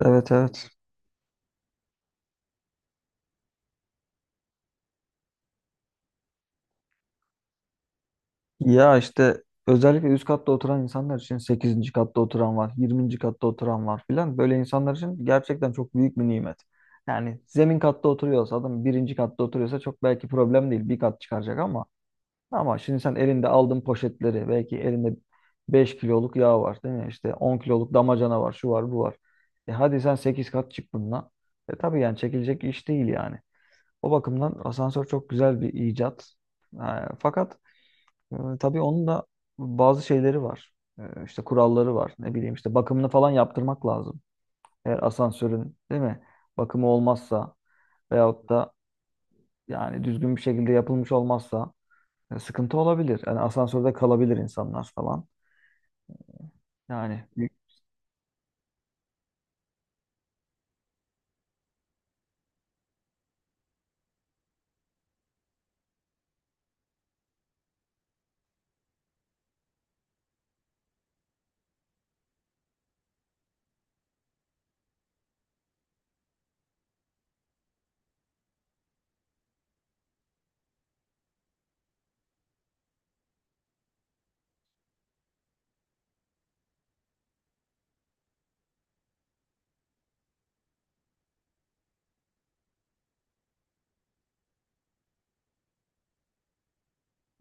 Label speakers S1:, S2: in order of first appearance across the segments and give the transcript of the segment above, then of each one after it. S1: Evet, evet. Ya işte özellikle üst katta oturan insanlar için sekizinci katta oturan var, yirminci katta oturan var filan. Böyle insanlar için gerçekten çok büyük bir nimet. Yani zemin katta oturuyorsa adam, birinci katta oturuyorsa çok belki problem değil. Bir kat çıkaracak, ama şimdi sen elinde aldığın poşetleri, belki elinde 5 kiloluk yağ var değil mi? İşte 10 kiloluk damacana var, şu var, bu var. E hadi sen 8 kat çık bununla. E tabii, yani çekilecek iş değil yani. O bakımdan asansör çok güzel bir icat. Ha, fakat tabii onun da bazı şeyleri var. İşte kuralları var. Ne bileyim, işte bakımını falan yaptırmak lazım. Eğer asansörün, değil mi? Bakımı olmazsa, veyahut da yani düzgün bir şekilde yapılmış olmazsa sıkıntı olabilir. Yani asansörde kalabilir insanlar falan. Yani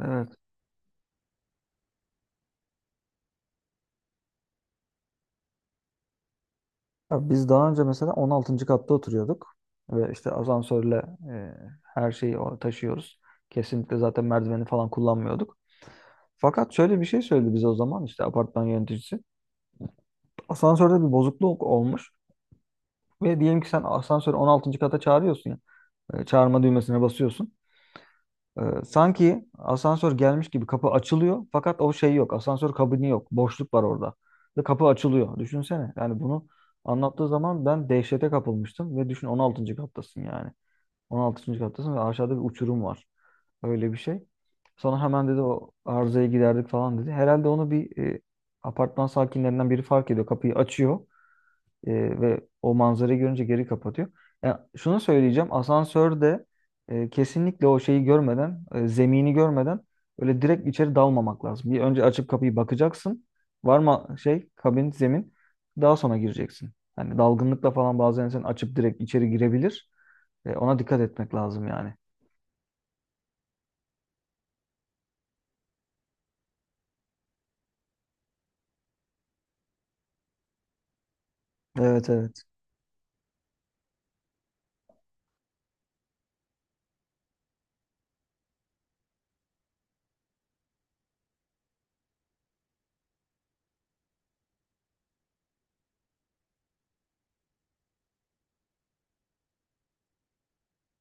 S1: evet. Ya biz daha önce mesela 16. katta oturuyorduk ve işte asansörle e, her şeyi taşıyoruz. Kesinlikle zaten merdiveni falan kullanmıyorduk. Fakat şöyle bir şey söyledi bize o zaman işte apartman yöneticisi. Asansörde bir bozukluk olmuş ve diyelim ki sen asansörü on altıncı kata çağırıyorsun ya. E, çağırma düğmesine basıyorsun. E, sanki asansör gelmiş gibi kapı açılıyor, fakat o şey yok. Asansör kabini yok. Boşluk var orada. Ve kapı açılıyor. Düşünsene. Yani bunu anlattığı zaman ben dehşete kapılmıştım ve düşün, 16. kattasın yani. 16. kattasın ve aşağıda bir uçurum var. Öyle bir şey. Sonra hemen dedi o arızayı giderdik falan dedi. Herhalde onu bir apartman sakinlerinden biri fark ediyor. Kapıyı açıyor. E, Ve o manzarayı görünce geri kapatıyor. Ya şunu söyleyeceğim. Asansörde kesinlikle o şeyi görmeden, zemini görmeden öyle direkt içeri dalmamak lazım. Bir önce açıp kapıyı bakacaksın. Var mı şey, kabin, zemin. Daha sonra gireceksin. Hani dalgınlıkla falan bazen sen açıp direkt içeri girebilir. Ona dikkat etmek lazım yani. Evet, evet.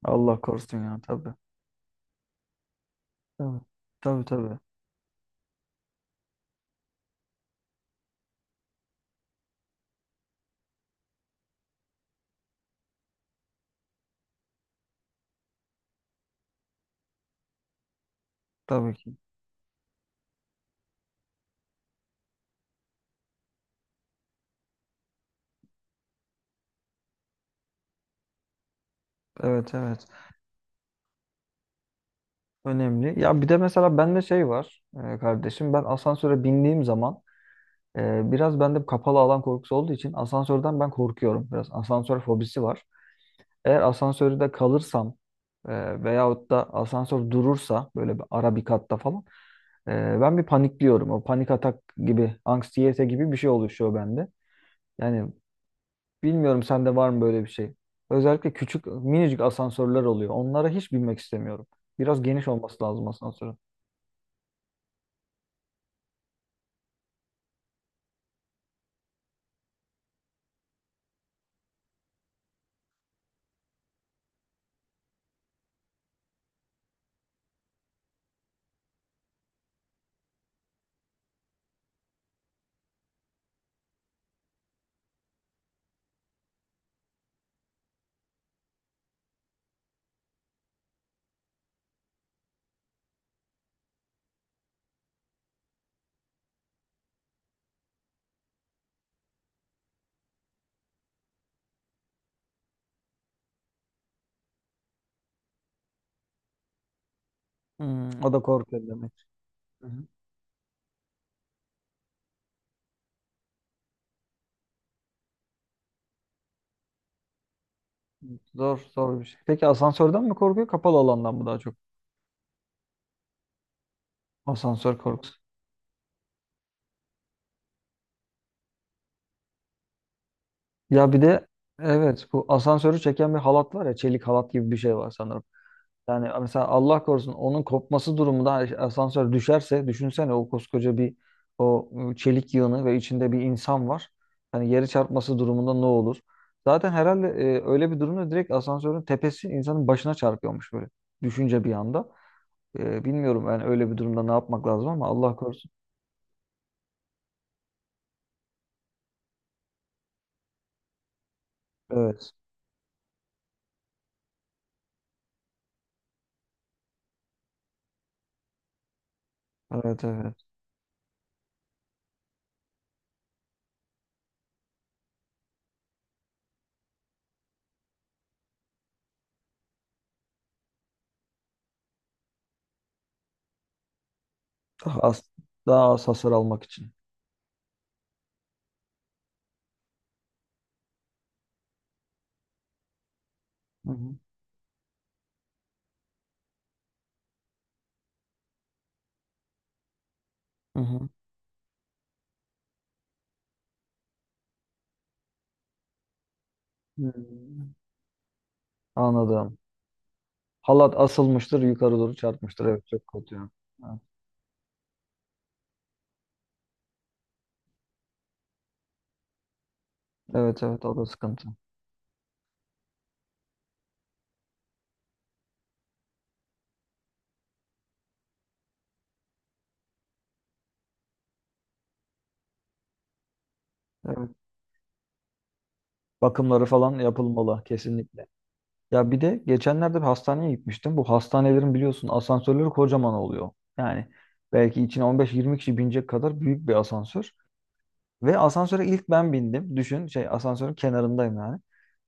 S1: Allah korusun, ya tabii. Tabii, tabii. Tabii, tabii ki. Evet, evet. Önemli. Ya bir de mesela bende şey var, kardeşim. Ben asansöre bindiğim zaman biraz bende kapalı alan korkusu olduğu için asansörden ben korkuyorum. Biraz asansör fobisi var. Eğer asansörde kalırsam, veyahut da asansör durursa böyle bir ara bir katta falan, ben bir panikliyorum. O panik atak gibi, anksiyete gibi bir şey oluşuyor bende. Yani bilmiyorum, sende var mı böyle bir şey? Özellikle küçük minicik asansörler oluyor. Onlara hiç binmek istemiyorum. Biraz geniş olması lazım asansörün. Hmm. O da korkuyor demek. Hı hı. Zor, zor bir şey. Peki asansörden mi korkuyor, kapalı alandan mı daha çok? Asansör korkusu. Ya bir de evet, bu asansörü çeken bir halat var ya, çelik halat gibi bir şey var sanırım. Yani mesela Allah korusun onun kopması durumunda asansör düşerse, düşünsene o koskoca bir, o çelik yığını ve içinde bir insan var. Hani yeri çarpması durumunda ne olur? Zaten herhalde öyle bir durumda direkt asansörün tepesi insanın başına çarpıyormuş, böyle düşünce bir anda. Bilmiyorum yani öyle bir durumda ne yapmak lazım ama Allah korusun. Evet. Evet, evet. Daha az, daha az hasar almak için. Hı hı. Hı hı. Hmm. Anladım. Halat asılmıştır, yukarı doğru çarpmıştır. Evet, çok kötü. Evet, evet, evet, o da sıkıntı. Evet. Bakımları falan yapılmalı kesinlikle. Ya bir de geçenlerde bir hastaneye gitmiştim. Bu hastanelerin biliyorsun asansörleri kocaman oluyor. Yani belki içine 15-20 kişi binecek kadar büyük bir asansör. Ve asansöre ilk ben bindim. Düşün, şey, asansörün kenarındayım yani.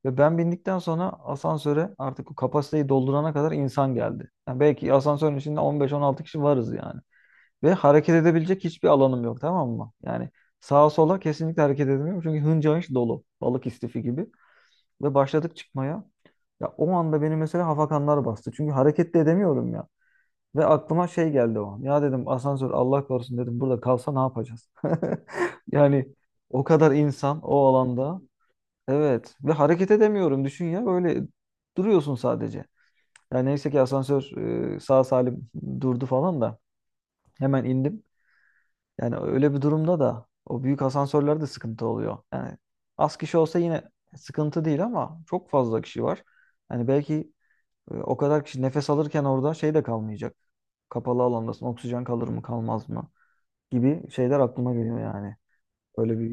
S1: Ve ben bindikten sonra asansöre artık o kapasiteyi doldurana kadar insan geldi. Yani belki asansörün içinde 15-16 kişi varız yani. Ve hareket edebilecek hiçbir alanım yok, tamam mı? Yani sağa sola kesinlikle hareket edemiyorum. Çünkü hınca hınç dolu. Balık istifi gibi. Ve başladık çıkmaya. Ya o anda beni mesela hafakanlar bastı. Çünkü hareket de edemiyorum ya. Ve aklıma şey geldi o an. Ya dedim, asansör Allah korusun dedim burada kalsa ne yapacağız? Yani o kadar insan o alanda. Evet, ve hareket edemiyorum, düşün ya, böyle duruyorsun sadece. Yani neyse ki asansör sağ salim durdu falan da hemen indim. Yani öyle bir durumda da o büyük asansörlerde sıkıntı oluyor. Yani az kişi olsa yine sıkıntı değil, ama çok fazla kişi var. Yani belki o kadar kişi nefes alırken orada şey de kalmayacak, kapalı alandasın. Oksijen kalır mı kalmaz mı gibi şeyler aklıma geliyor yani. Öyle bir.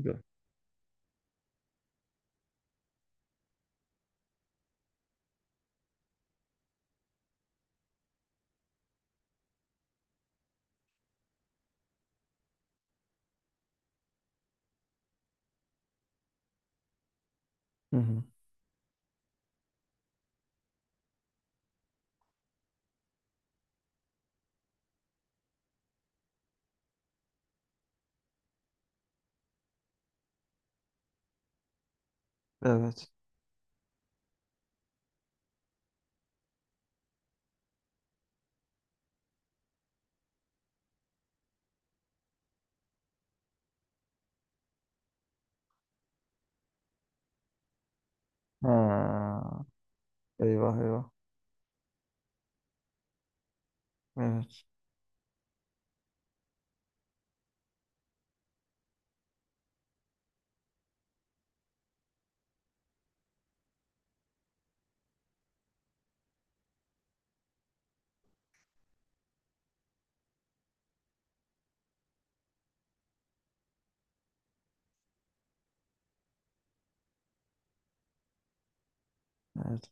S1: Hı hı. Evet. Ha. Eyvah, eyvah. Evet. Evet.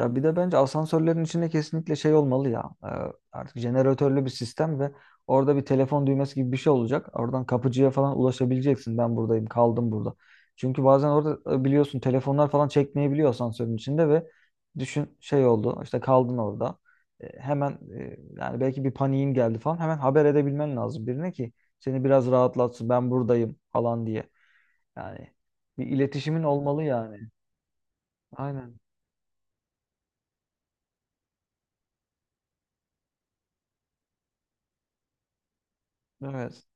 S1: Ya bir de bence asansörlerin içinde kesinlikle şey olmalı ya. Artık jeneratörlü bir sistem ve orada bir telefon düğmesi gibi bir şey olacak. Oradan kapıcıya falan ulaşabileceksin. Ben buradayım, kaldım burada. Çünkü bazen orada biliyorsun telefonlar falan çekmeyebiliyor asansörün içinde ve düşün, şey oldu, işte kaldın orada. E, hemen Yani belki bir paniğin geldi falan. Hemen haber edebilmen lazım birine ki seni biraz rahatlatsın. Ben buradayım falan diye. Yani bir iletişimin olmalı yani. Aynen. Evet.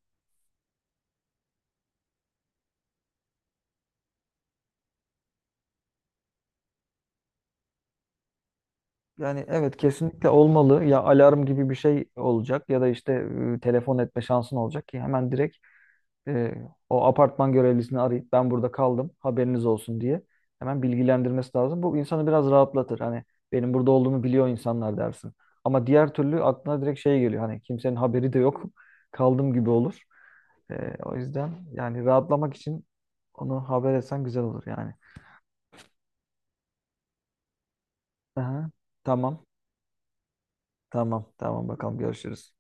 S1: Yani evet, kesinlikle olmalı. Ya alarm gibi bir şey olacak ya da işte telefon etme şansın olacak ki hemen direkt e, o apartman görevlisini arayıp ben burada kaldım haberiniz olsun diye hemen bilgilendirmesi lazım. Bu insanı biraz rahatlatır. Hani benim burada olduğumu biliyor insanlar dersin. Ama diğer türlü aklına direkt şey geliyor. Hani kimsenin haberi de yok. Kaldım gibi olur. E, o yüzden yani rahatlamak için onu haber etsen güzel olur yani. Aha, tamam, tamam, tamam, bakalım, görüşürüz.